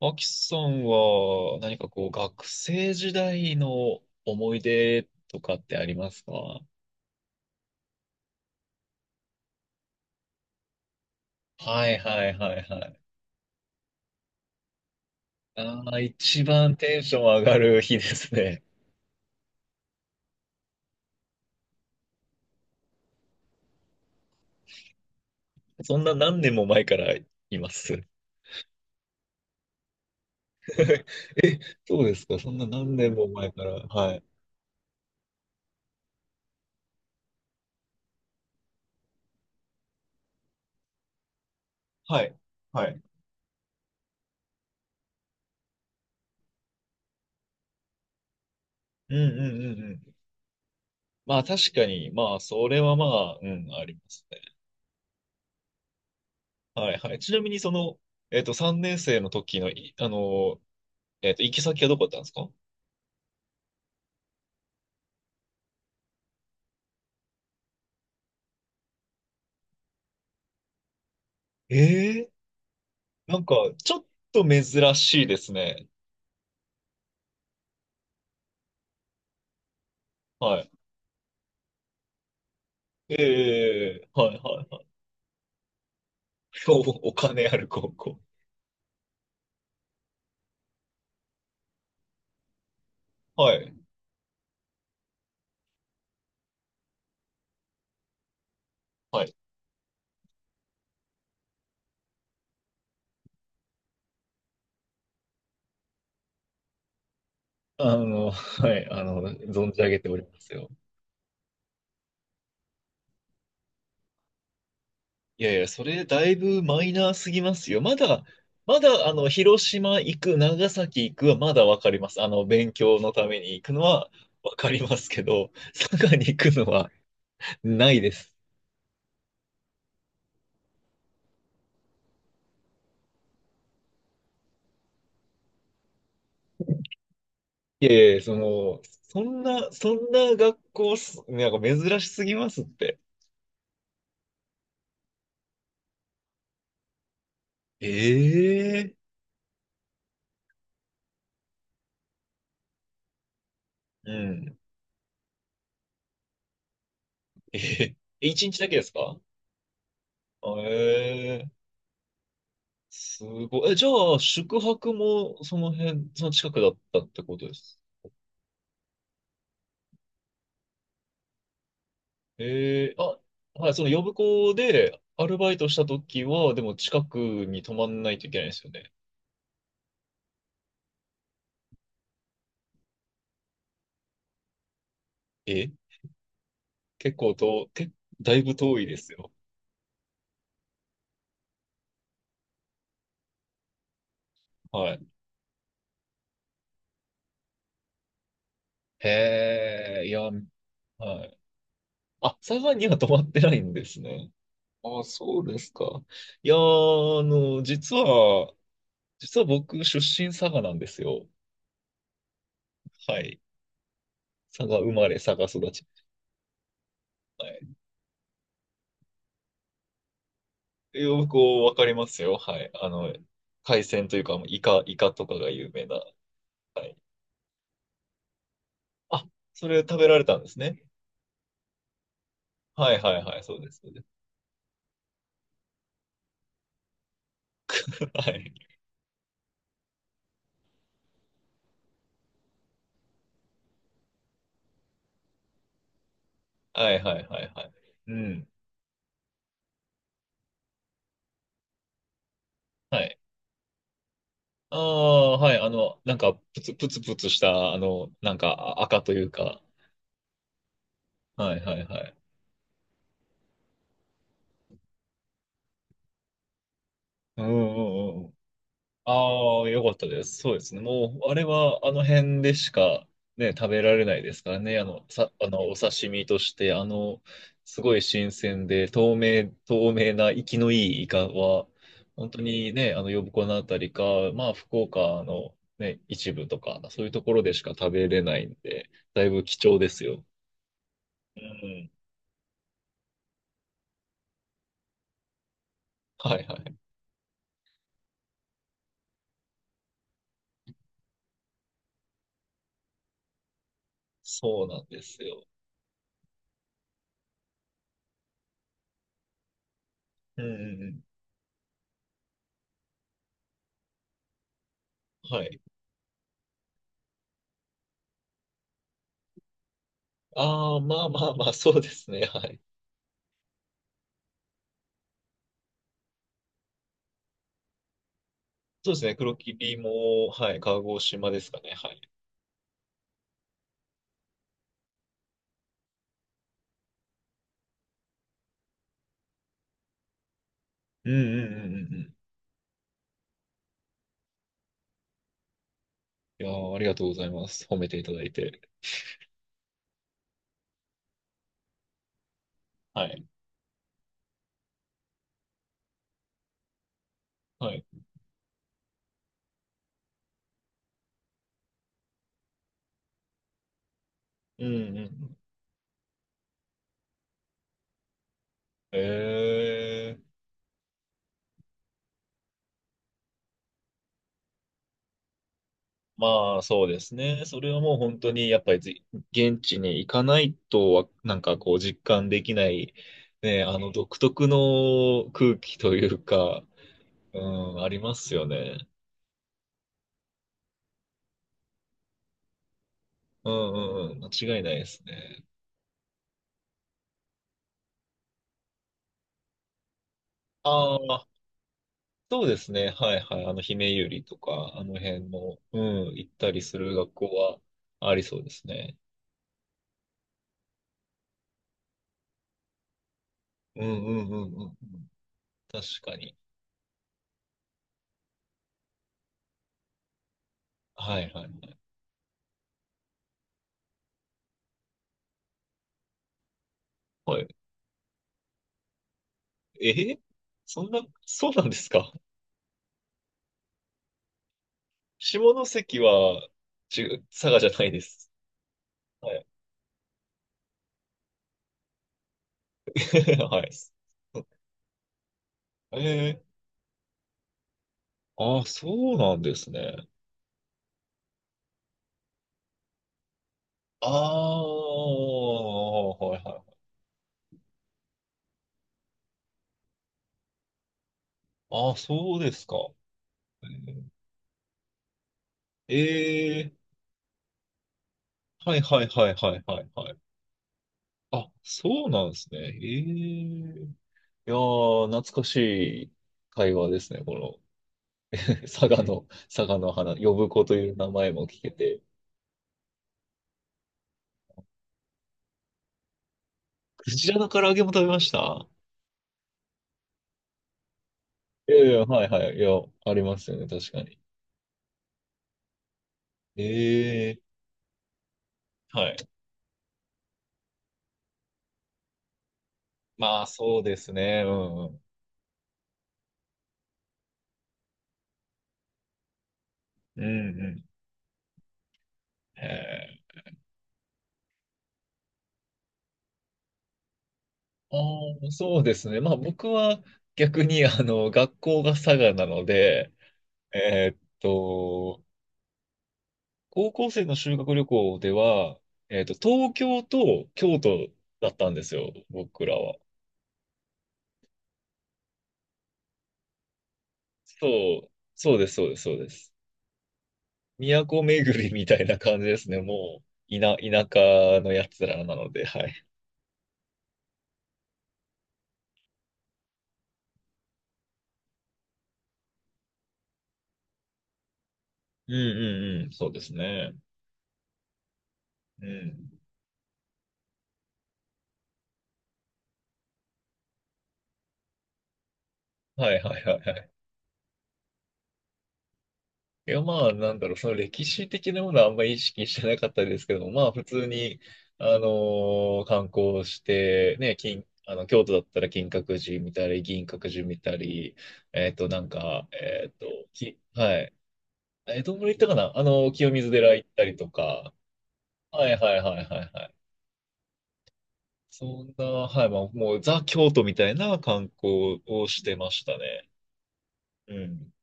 アキさんは何かこう学生時代の思い出とかってありますか？はいはいはいはい。ああ、一番テンション上がる日ですね。そんな何年も前からいます。え、そうですか。そんな何年も前から。はい。はい。はい。うんうんうんうん。まあ確かに、まあそれはまあ、うん、ありますね。はいはい。ちなみにその、3年生の時の行き先はどこだったんですか？ええ、なんか、ちょっと珍しいですね。はい。ええはいはいはい。お、お金ある高校。はい。はい。はい、存じ上げておりますよ。いやいや、それだいぶマイナーすぎますよ。まだ、広島行く、長崎行くはまだわかります。勉強のために行くのはわかりますけど、佐賀に行くのはないです。いえいえ、そんな学校す、なんか珍しすぎますって。ええ、うん。えへえ、一日だけですか？ええ、すごい。え、じゃあ、宿泊もその辺、その近くだったってことです。ええ、あ、はい、その呼子でアルバイトした時は、でも近くに泊まんないといけないですよね。え、結構と、け、だいぶ遠いですよ。はい。へえ、いや、はい。あ、佐賀には泊まってないんですね。あ、そうですか。いやー、実は、僕、出身佐賀なんですよ。はい。佐賀生まれ、佐賀育ち。はい。よくわかりますよ。はい。海鮮というか、イカとかが有名な。はい。あ、それ食べられたんですね。はいはいはい、そうです。そうです。 はい。はいはいはいはい。うん。はい。ああ、はい。なんか、プツプツプツした、なんか、あ、赤というか。はいはいはい。うんうんうんうん。ああ、よかったです。そうですね。もう、あれはあの辺でしかね、食べられないですからね。お刺身として、すごい新鮮で、透明な、生きのいいイカは、本当にね、呼子のあたりか、まあ、福岡のね、一部とか、そういうところでしか食べれないんで、だいぶ貴重ですよ。うん。はいはい。そうなんですよ。うんうんうん。はい。ああ、まあまあまあ、そうですね。はい。そうですね、黒霧も、はい、鹿児島ですかね、はい。うんうんうんうんうん。いやー、ありがとうございます。褒めていただいて。はい。はい。うんうんうん。えー、まあ、そうですね。それはもう本当にやっぱり現地に行かないとなんかこう実感できない、ね、あの独特の空気というか、うん、ありますよね。うんうんうん。間違いないですね。ああ、そうですね。はいはい。姫ゆりとか、あの辺の、うん、行ったりする学校はありそうですね。うんうんうんうんうん。確かに。はいはいはい。はい。えーそんな、そうなんですか？下関は、佐賀じゃないです。はい。はい。えああ、そうなんですね。ああ、はいはい。ああ、そうですか。えー、はいはいはいはいはいはい。あ、そうなんですね。ええ。いやー、懐かしい会話ですね、この。 佐賀の花、呼子という名前も聞けて。クジラの唐揚げも食べました。いやいや、はいはい、いや、ありますよね、確かに。ええ、はい。まあ、そうですね、うん、うん、うんうん。えそうですね。まあ、僕は逆に、学校が佐賀なので、えーっと、高校生の修学旅行では、東京と京都だったんですよ、僕らは。そう、そうです、そうです、そうです。都巡りみたいな感じですね、もう、田舎のやつらなので、はい。うんうんうん、そうですね。うん。はいはいはいはい。いや、まあ、なんだろう、その歴史的なものはあんまり意識してなかったですけども、まあ、普通に、あの観光して、ね、京都だったら金閣寺見たり、銀閣寺見たり、なんか、はい。どんぐらい行ったかな。清水寺行ったりとか、はいはいはいはいはい。そんな、はい、まあ、もう、ザ・京都みたいな観光をしてましたね。うん。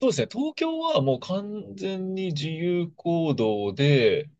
そうですね、東京はもう完全に自由行動で、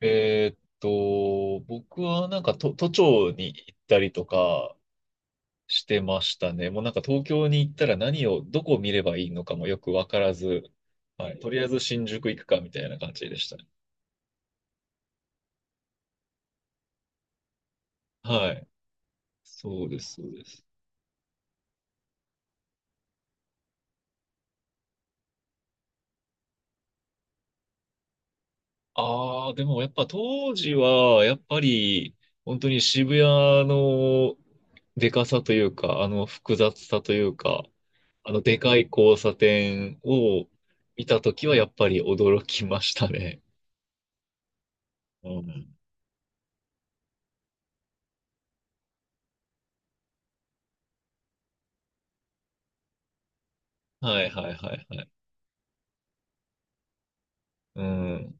僕はなんか都庁に行ったりとかしてましたね。もうなんか東京に行ったら何を、どこを見ればいいのかもよくわからず、はい、とりあえず新宿行くかみたいな感じでしたね。はい。そうです、そうです。ああ、でもやっぱ当時は、やっぱり本当に渋谷のでかさというか、あの複雑さというか、あのでかい交差点を見たときはやっぱり驚きましたね。うん。はいはいはいはい。うん。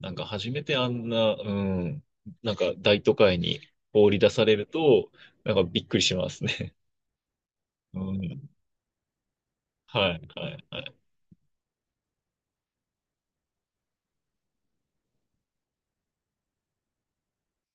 なんか初めてあんな、うん。なんか大都会に放り出されると、なんかびっくりしますね。うん。はいはいはい。